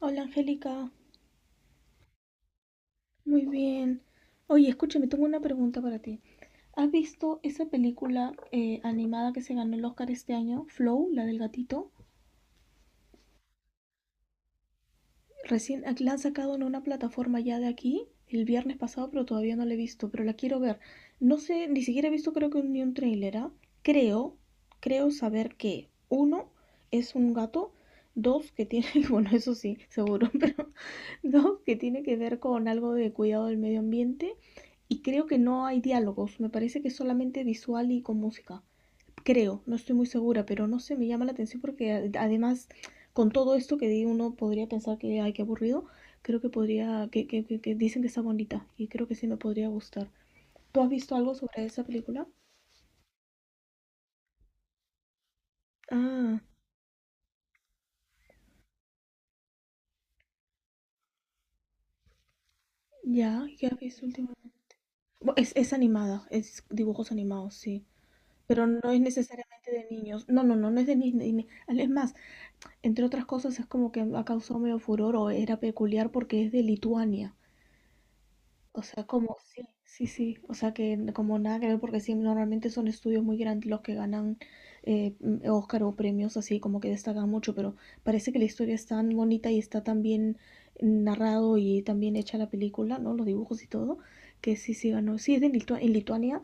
Hola Angélica, muy bien. Oye, escúchame, tengo una pregunta para ti. ¿Has visto esa película animada que se ganó el Oscar este año, Flow, la del gatito? Recién la han sacado en una plataforma ya de aquí el viernes pasado, pero todavía no la he visto, pero la quiero ver. No sé, ni siquiera he visto creo que ni un tráiler, ¿ah? Creo, creo saber que uno es un gato, dos que tiene, bueno, eso sí, seguro, pero dos que tiene que ver con algo de cuidado del medio ambiente y creo que no hay diálogos, me parece que es solamente visual y con música creo, no estoy muy segura, pero no sé, me llama la atención porque además con todo esto que di uno podría pensar que, ay, qué aburrido, creo que podría, que dicen que está bonita y creo que sí me podría gustar. ¿Tú has visto algo sobre esa película? Ah, ya, ya has visto últimamente. Es animada, es dibujos animados, sí. Pero no es necesariamente de niños. No, no, no, no es de niños. Es más, entre otras cosas, es como que ha causado medio furor o era peculiar porque es de Lituania. O sea, como sí, sí, sí. O sea, que como nada que ver, porque sí, normalmente son estudios muy grandes los que ganan Oscar o premios así, como que destacan mucho, pero parece que la historia es tan bonita y está tan bien narrado y tan bien hecha la película, ¿no? Los dibujos y todo, que sí, sí ganó. Sí, es de en Lituania,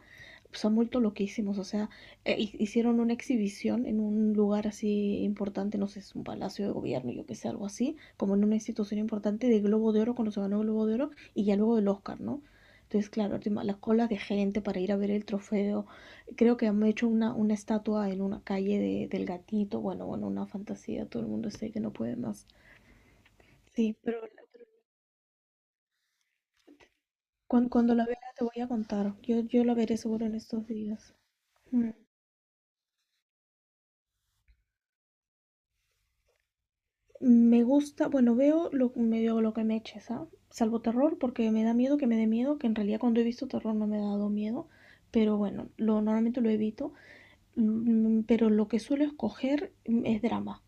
pues han vuelto loquísimos. O sea, hicieron una exhibición en un lugar así importante, no sé, es un palacio de gobierno, yo que sé, algo así, como en una institución importante de Globo de Oro, cuando se ganó el Globo de Oro y ya luego del Oscar, ¿no? Entonces, claro, encima las colas de gente para ir a ver el trofeo. Creo que han hecho una estatua en una calle del gatito. Bueno, bueno, una fantasía. Todo el mundo sé que no puede más. Sí, pero, pero cuando la vea te voy a contar. Yo la veré seguro en estos días. Mm. Me gusta, bueno, veo medio lo que me eches, ¿ah? Salvo terror, porque me da miedo que me dé miedo, que en realidad cuando he visto terror no me ha dado miedo, pero bueno, lo, normalmente lo evito. Pero lo que suelo escoger es drama.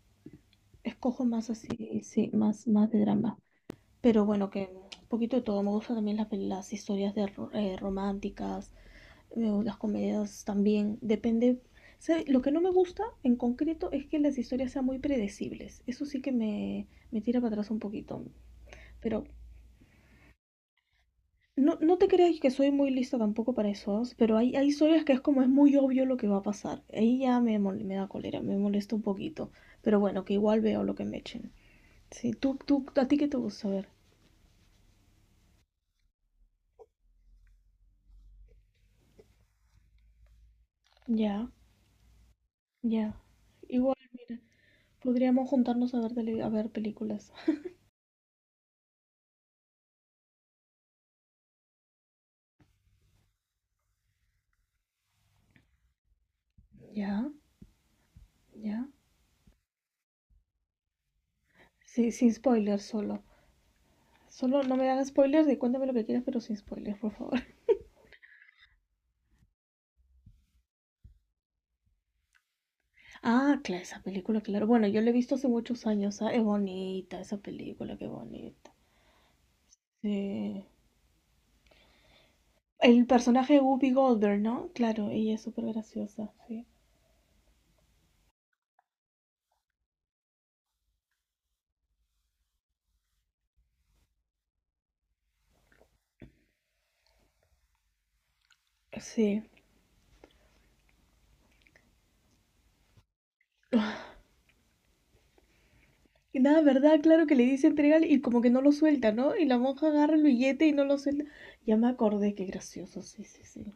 Escojo más así, sí, más de drama. Pero bueno, que un poquito de todo. Me gustan también las historias de románticas, las comedias también. Depende. ¿Sabe? Lo que no me gusta en concreto es que las historias sean muy predecibles. Eso sí que me tira para atrás un poquito. Pero no, no te creas que soy muy lista tampoco para eso, pero hay historias que es como es muy obvio lo que va a pasar. Ahí ya me da cólera, me molesta un poquito. Pero bueno, que igual veo lo que me echen. Sí, tú, ¿a ti qué te gusta ver? Ya, ya. Igual, mira, podríamos juntarnos a ver, a ver películas. Ya, ya. Sí, sin spoilers solo. Solo no me hagas spoilers y cuéntame lo que quieras, pero sin spoilers, por favor. Ah, claro, esa película, claro. Bueno, yo la he visto hace muchos años. Es bonita esa película, qué bonita. Sí. El personaje de Whoopi Goldberg, ¿no? Claro, ella es súper graciosa, sí. Sí. Y nada, ¿verdad? Claro que le dice entregar y como que no lo suelta, ¿no? Y la monja agarra el billete y no lo suelta. Ya me acordé, qué gracioso, sí, sí, sí.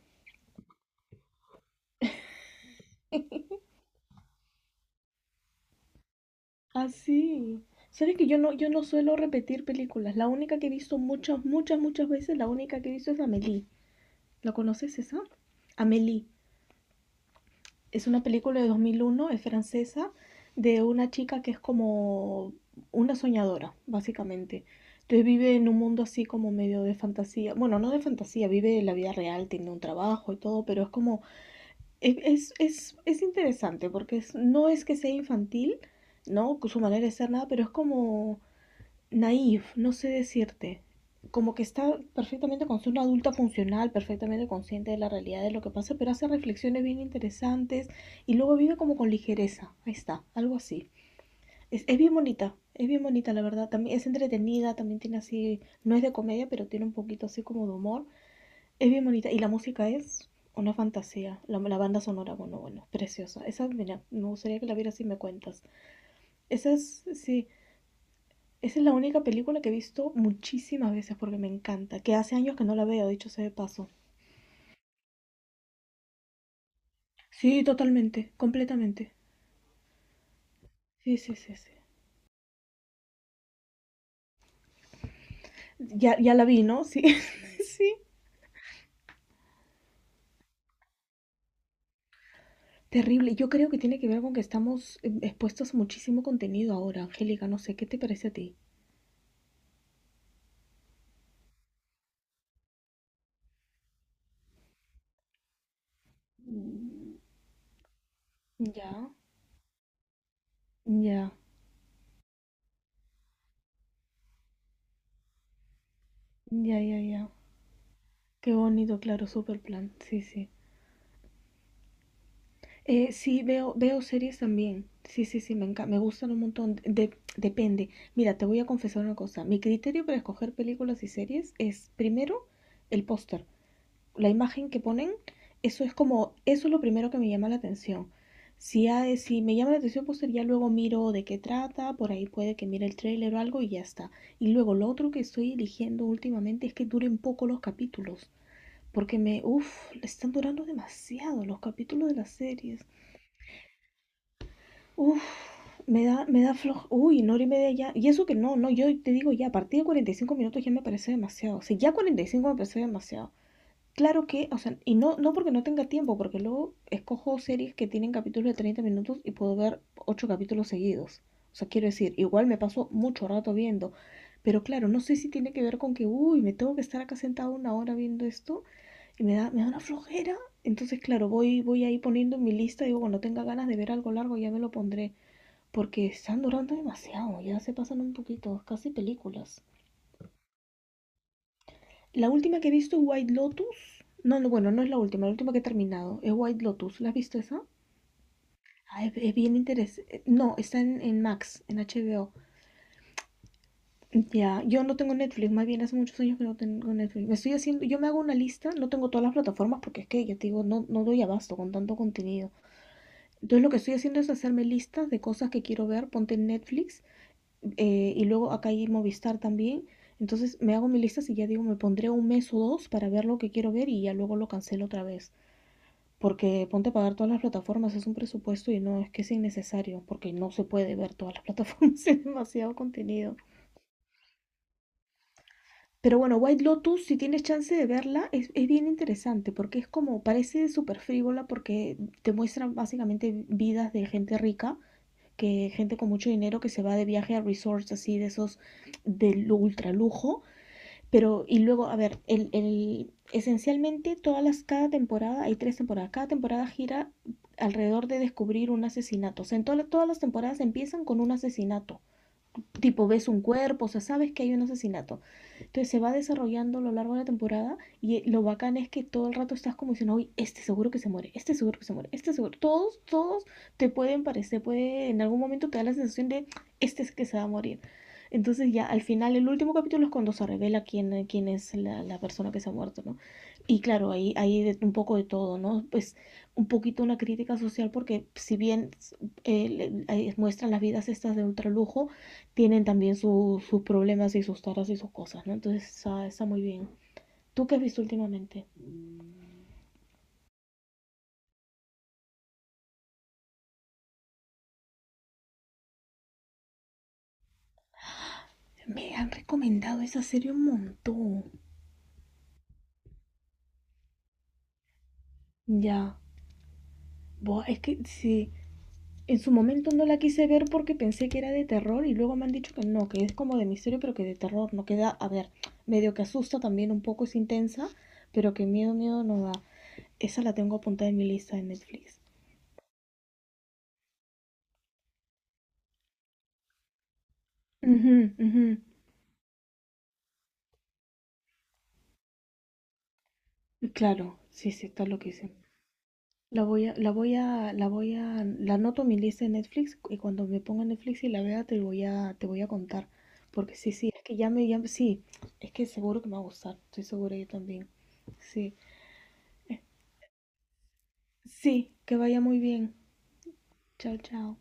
Ah, sí. Sabes que yo no suelo repetir películas. La única que he visto muchas, muchas, muchas veces, la única que he visto es Amélie. ¿La conoces esa? Amélie. Es una película de 2001 es francesa, de una chica que es como una soñadora, básicamente. Entonces vive en un mundo así como medio de fantasía. Bueno, no de fantasía, vive la vida real, tiene un trabajo y todo, pero es como... Es interesante porque no es que sea infantil, ¿no? Con su manera de ser nada, pero es como naif, no sé decirte. Como que está perfectamente con ser una adulta funcional, perfectamente consciente de la realidad de lo que pasa, pero hace reflexiones bien interesantes y luego vive como con ligereza. Ahí está, algo así. Es bien bonita, es bien bonita, la verdad. También es entretenida, también tiene así, no es de comedia, pero tiene un poquito así como de humor. Es bien bonita. Y la música es una fantasía. La banda sonora, bueno, bueno, preciosa. Esa, mira, me gustaría que la vieras y me cuentas. Esa es, sí, esa es la única película que he visto muchísimas veces porque me encanta, que hace años que no la veo, dicho sea de paso. Sí, totalmente, completamente. Sí, sí, sí, sí. Ya, ya la vi, ¿no? Sí, sí. Terrible. Yo creo que tiene que ver con que estamos expuestos a muchísimo contenido ahora, Angélica. No sé, ¿qué te parece a ti? Mm, ya, ya, ya, ya, ya. Qué bonito, claro, super plan. Sí, sí. Sí, veo series también. Sí, sí, sí, me encanta, me gustan un montón. Depende. Mira, te voy a confesar una cosa. Mi criterio para escoger películas y series es, primero, el póster. La imagen que ponen, eso es como, eso es lo primero que me llama la atención. Si me llama la atención el póster, ya luego miro de qué trata, por ahí puede que mire el tráiler o algo y ya está. Y luego lo otro que estoy eligiendo últimamente es que duren poco los capítulos, porque uff, están durando demasiado los capítulos de las series. Uf, me da floja. Uy, una hora y media ya. Y eso que no, no, yo te digo ya, a partir de 45 minutos ya me parece demasiado. O sea, ya 45 me parece demasiado. Claro que, o sea, y no, no porque no tenga tiempo, porque luego escojo series que tienen capítulos de 30 minutos y puedo ver 8 capítulos seguidos. O sea, quiero decir, igual me paso mucho rato viendo. Pero claro, no sé si tiene que ver con que, uy, me tengo que estar acá sentado una hora viendo esto y me da una flojera. Entonces, claro, voy ahí poniendo en mi lista, digo, cuando tenga ganas de ver algo largo ya me lo pondré porque están durando demasiado, ya se pasan un poquito, casi películas. La última que he visto es White Lotus. No, no, bueno, no es la última que he terminado es White Lotus. ¿La has visto esa? Ah, es bien interesante. No, está en Max, en HBO. Ya, yo no tengo Netflix, más bien hace muchos años que no tengo Netflix. Me estoy haciendo, yo me hago una lista, no tengo todas las plataformas porque es que, ya te digo, no, no doy abasto con tanto contenido. Entonces lo que estoy haciendo es hacerme listas de cosas que quiero ver, ponte en Netflix y luego acá hay Movistar también. Entonces me hago mis listas y ya digo, me pondré un mes o dos para ver lo que quiero ver y ya luego lo cancelo otra vez. Porque ponte a pagar todas las plataformas, es un presupuesto y no, es que es innecesario, porque no se puede ver todas las plataformas, es demasiado contenido. Pero bueno, White Lotus, si tienes chance de verla, es bien interesante, porque es como, parece súper frívola, porque te muestra básicamente vidas de gente rica, que gente con mucho dinero que se va de viaje a resorts así de esos del ultra lujo. Pero, y luego, a ver, esencialmente todas las, cada temporada, hay tres temporadas, cada temporada gira alrededor de descubrir un asesinato. O sea, en todas las temporadas empiezan con un asesinato tipo ves un cuerpo, o sea, sabes que hay un asesinato. Entonces se va desarrollando a lo largo de la temporada y lo bacán es que todo el rato estás como diciendo, uy, este seguro que se muere, este seguro que se muere, este seguro. Todos, todos te pueden parecer, puede, en algún momento te da la sensación de, este es que se va a morir. Entonces ya al final, el último capítulo es cuando se revela quién, quién es la persona que se ha muerto, ¿no? Y claro, ahí hay un poco de todo, ¿no? Pues un poquito una crítica social porque si bien ahí muestran las vidas estas de ultralujo, tienen también su, sus problemas y sus taras y sus cosas, ¿no? Entonces está, está muy bien. ¿Tú qué has visto últimamente? Me han recomendado esa serie un montón. Ya, buah, es que sí, en su momento no la quise ver porque pensé que era de terror y luego me han dicho que no, que es como de misterio pero que de terror no queda, a ver, medio que asusta también un poco, es intensa, pero que miedo, miedo no da. Esa la tengo apuntada en mi lista de Netflix. Ujú, ujú. Claro, sí, sí, está lo que dicen. La anoto en mi lista de Netflix y cuando me ponga en Netflix y la vea te voy a contar. Porque sí, sí, es que ya, sí, es que seguro que me va a gustar, estoy segura yo también. Sí, eh, sí, que vaya muy bien. Chao, chao.